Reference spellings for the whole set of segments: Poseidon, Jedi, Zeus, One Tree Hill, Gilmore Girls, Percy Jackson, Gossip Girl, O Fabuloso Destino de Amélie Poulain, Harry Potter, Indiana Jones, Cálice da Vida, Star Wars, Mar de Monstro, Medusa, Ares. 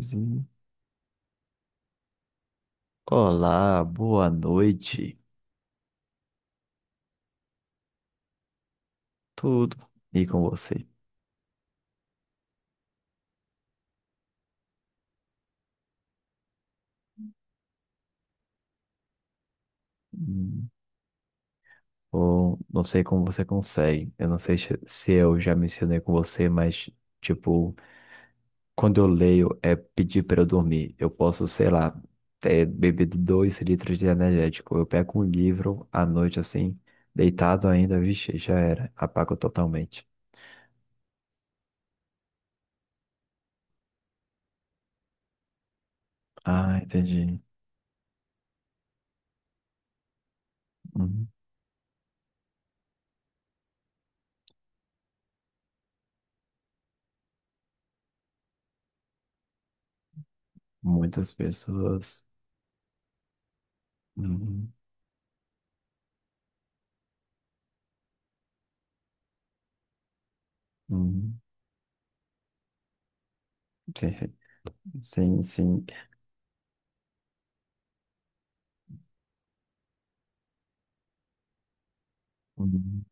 Sim. Olá, boa noite. Tudo. E com você? Hum, Bom, não sei como você consegue. Eu não sei se eu já mencionei com você, mas, tipo, quando eu leio é pedir para eu dormir. Eu posso, sei lá, ter bebido 2 litros de energético. Eu pego um livro à noite, assim, deitado ainda, vixe, já era. Apago totalmente. Ah, entendi. Uhum. Muitas pessoas. Uhum. Uhum. Sim, sim, sim. Uhum.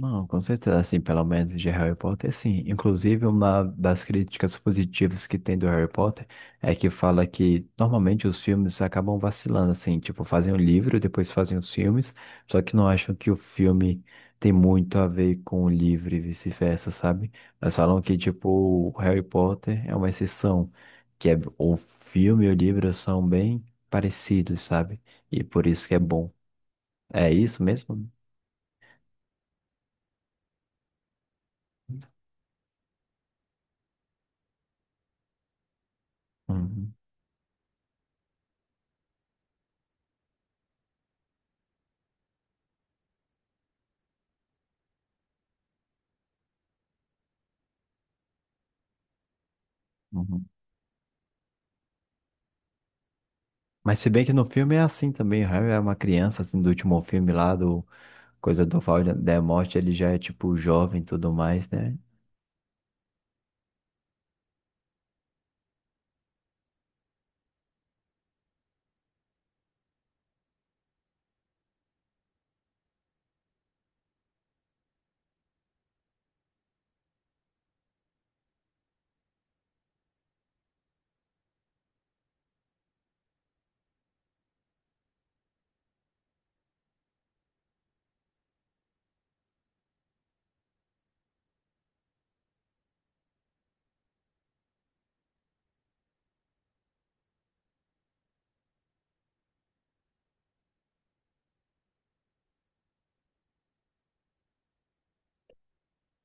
Não, com certeza, assim, pelo menos de Harry Potter, sim. Inclusive, uma das críticas positivas que tem do Harry Potter é que fala que normalmente os filmes acabam vacilando, assim, tipo, fazem o livro, depois fazem os filmes, só que não acham que o filme tem muito a ver com o livro e vice-versa, sabe? Mas falam que, tipo, o Harry Potter é uma exceção, que é, o filme e o livro são bem parecidos, sabe? E por isso que é bom. É isso mesmo? Uhum, uhum. Mas se bem que no filme é assim também, o Harry é uma criança, assim, do último filme lá, do Coisa do Val da Morte, ele já é, tipo, jovem e tudo mais, né?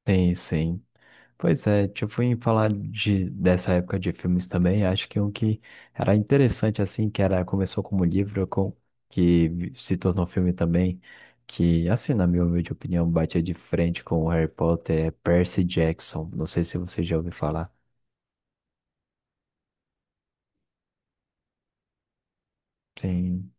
Tem, sim. Pois é, tipo, em falar de, dessa época de filmes também, acho que um que era interessante, assim, que era, começou como livro, com, que se tornou filme também, que, assim, na minha humilde opinião, batia de frente com o Harry Potter, é Percy Jackson. Não sei se você já ouviu falar. Sim.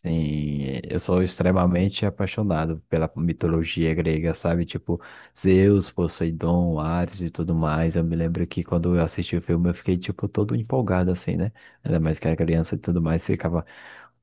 Sim, é, eu sou extremamente apaixonado pela mitologia grega, sabe? Tipo, Zeus, Poseidon, Ares e tudo mais. Eu me lembro que quando eu assisti o filme eu fiquei, tipo, todo empolgado, assim, né? Ainda mais que era criança e tudo mais, ficava.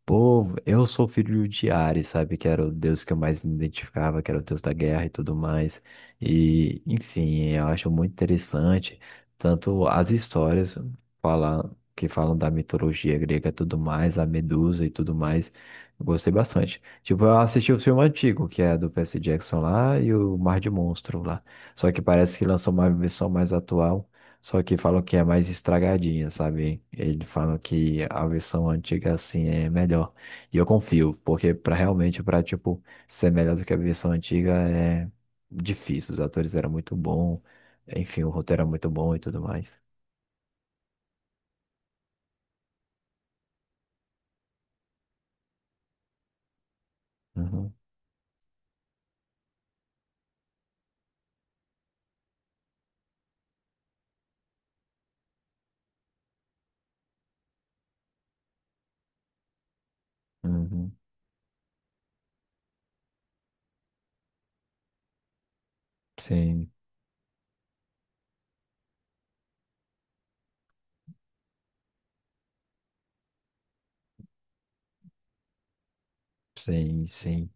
Pô, eu sou filho de Ares, sabe? Que era o deus que eu mais me identificava, que era o deus da guerra e tudo mais. E, enfim, eu acho muito interessante tanto as histórias que falam da mitologia grega e tudo mais, a Medusa e tudo mais. Eu gostei bastante. Tipo, eu assisti o filme antigo, que é do Percy Jackson lá e o Mar de Monstro lá. Só que parece que lançou uma versão mais atual. Só que falam que é mais estragadinha, sabe? Eles falam que a versão antiga, assim, é melhor. E eu confio, porque para realmente, para tipo, ser melhor do que a versão antiga é difícil. Os atores eram muito bons, enfim, o roteiro era muito bom e tudo mais. Uhum, uhum. Sim, sim, sim,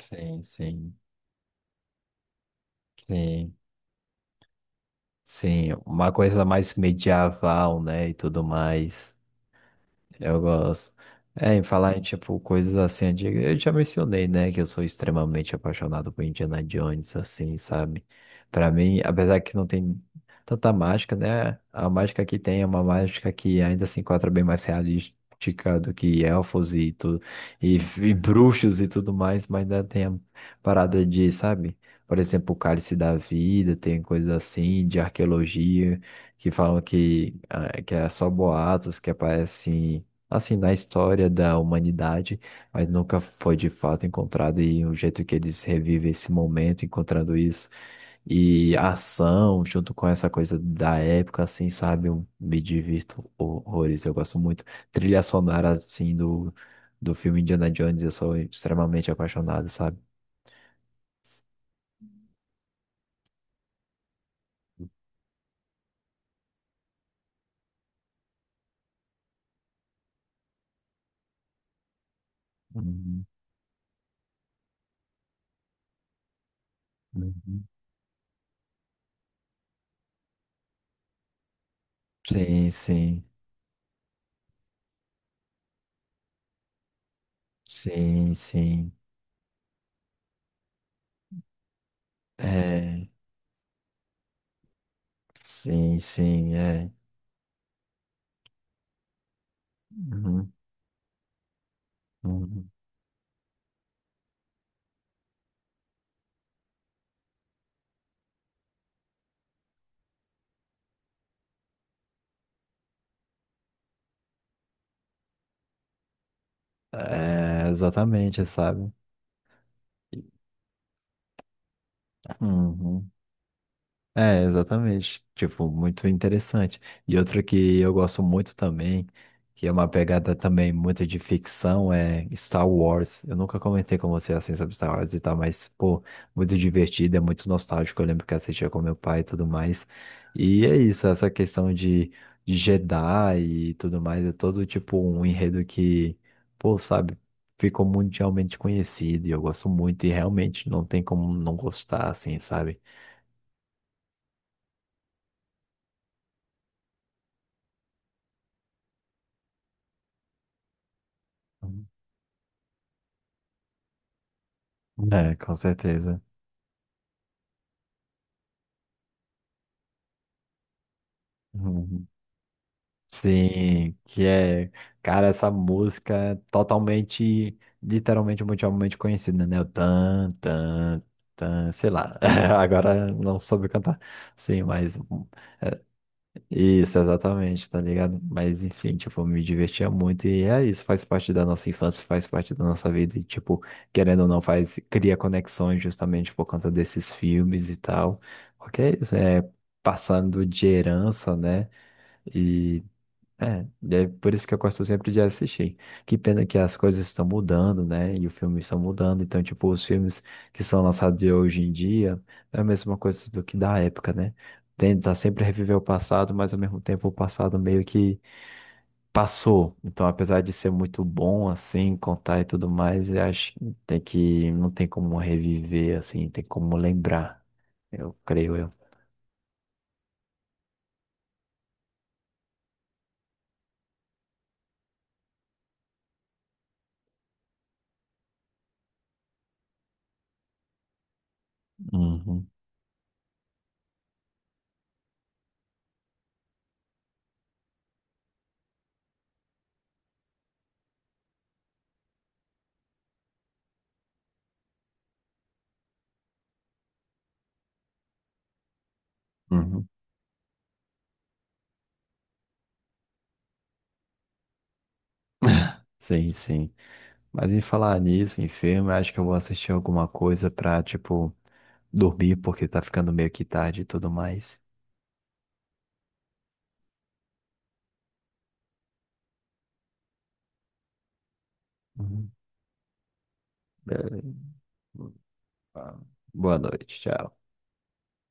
sim, sim, sim, sim. Uma coisa mais medieval, né, e tudo mais. Eu gosto. É, em falar em, tipo, coisas assim antigas, eu já mencionei, né, que eu sou extremamente apaixonado por Indiana Jones, assim, sabe? Pra mim, apesar que não tem tanta mágica, né, a mágica que tem é uma mágica que ainda se enquadra bem mais realística do que elfos e tudo, e bruxos e tudo mais, mas ainda tem a parada de, sabe? Por exemplo, o Cálice da Vida, tem coisas assim, de arqueologia, que falam que, ah, que era só boatos, que aparecem assim, na história da humanidade, mas nunca foi de fato encontrado e o jeito que eles revivem esse momento, encontrando isso, e a ação, junto com essa coisa da época, assim, sabe, eu me divirto horrores, eu gosto muito. Trilha sonora, assim, do, filme Indiana Jones, eu sou extremamente apaixonado, sabe? Uhum, uhum. Sim, sim, sim, sim, é, sim, sim, é. Uhum, uhum. É, exatamente, sabe? Uhum. É, exatamente. Tipo, muito interessante. E outra que eu gosto muito também, que é uma pegada também muito de ficção, é Star Wars. Eu nunca comentei com você assim sobre Star Wars e tal, mas, pô, muito divertido, é muito nostálgico. Eu lembro que assistia com meu pai e tudo mais. E é isso, essa questão de Jedi e tudo mais, é todo tipo um enredo que, pô, sabe, ficou mundialmente conhecido e eu gosto muito e realmente não tem como não gostar, assim, sabe? É, com certeza. Uhum. Sim, que é, cara, essa música é totalmente, literalmente, mundialmente conhecida, né? O tan, tan, tan, sei lá. Agora não soube cantar. Sim, mas é, isso, exatamente, tá ligado? Mas enfim, tipo, me divertia muito e é isso, faz parte da nossa infância, faz parte da nossa vida e, tipo, querendo ou não, faz, cria conexões justamente por conta desses filmes e tal. Porque é isso, é passando de herança, né? É, e é por isso que eu gosto sempre de assistir. Que pena que as coisas estão mudando, né? E os filmes estão mudando. Então, tipo, os filmes que são lançados de hoje em dia é a mesma coisa do que da época, né? Tenta sempre reviver o passado, mas ao mesmo tempo o passado meio que passou. Então, apesar de ser muito bom, assim, contar e tudo mais, eu acho que tem que, não tem como reviver, assim, tem como lembrar, eu creio eu. Uhum, uhum. Sim, sim. Mas em falar nisso, em filme, acho que eu vou assistir alguma coisa pra, tipo, dormir, porque tá ficando meio que tarde e tudo mais. Uhum. Beleza. Ah, boa noite, tchau.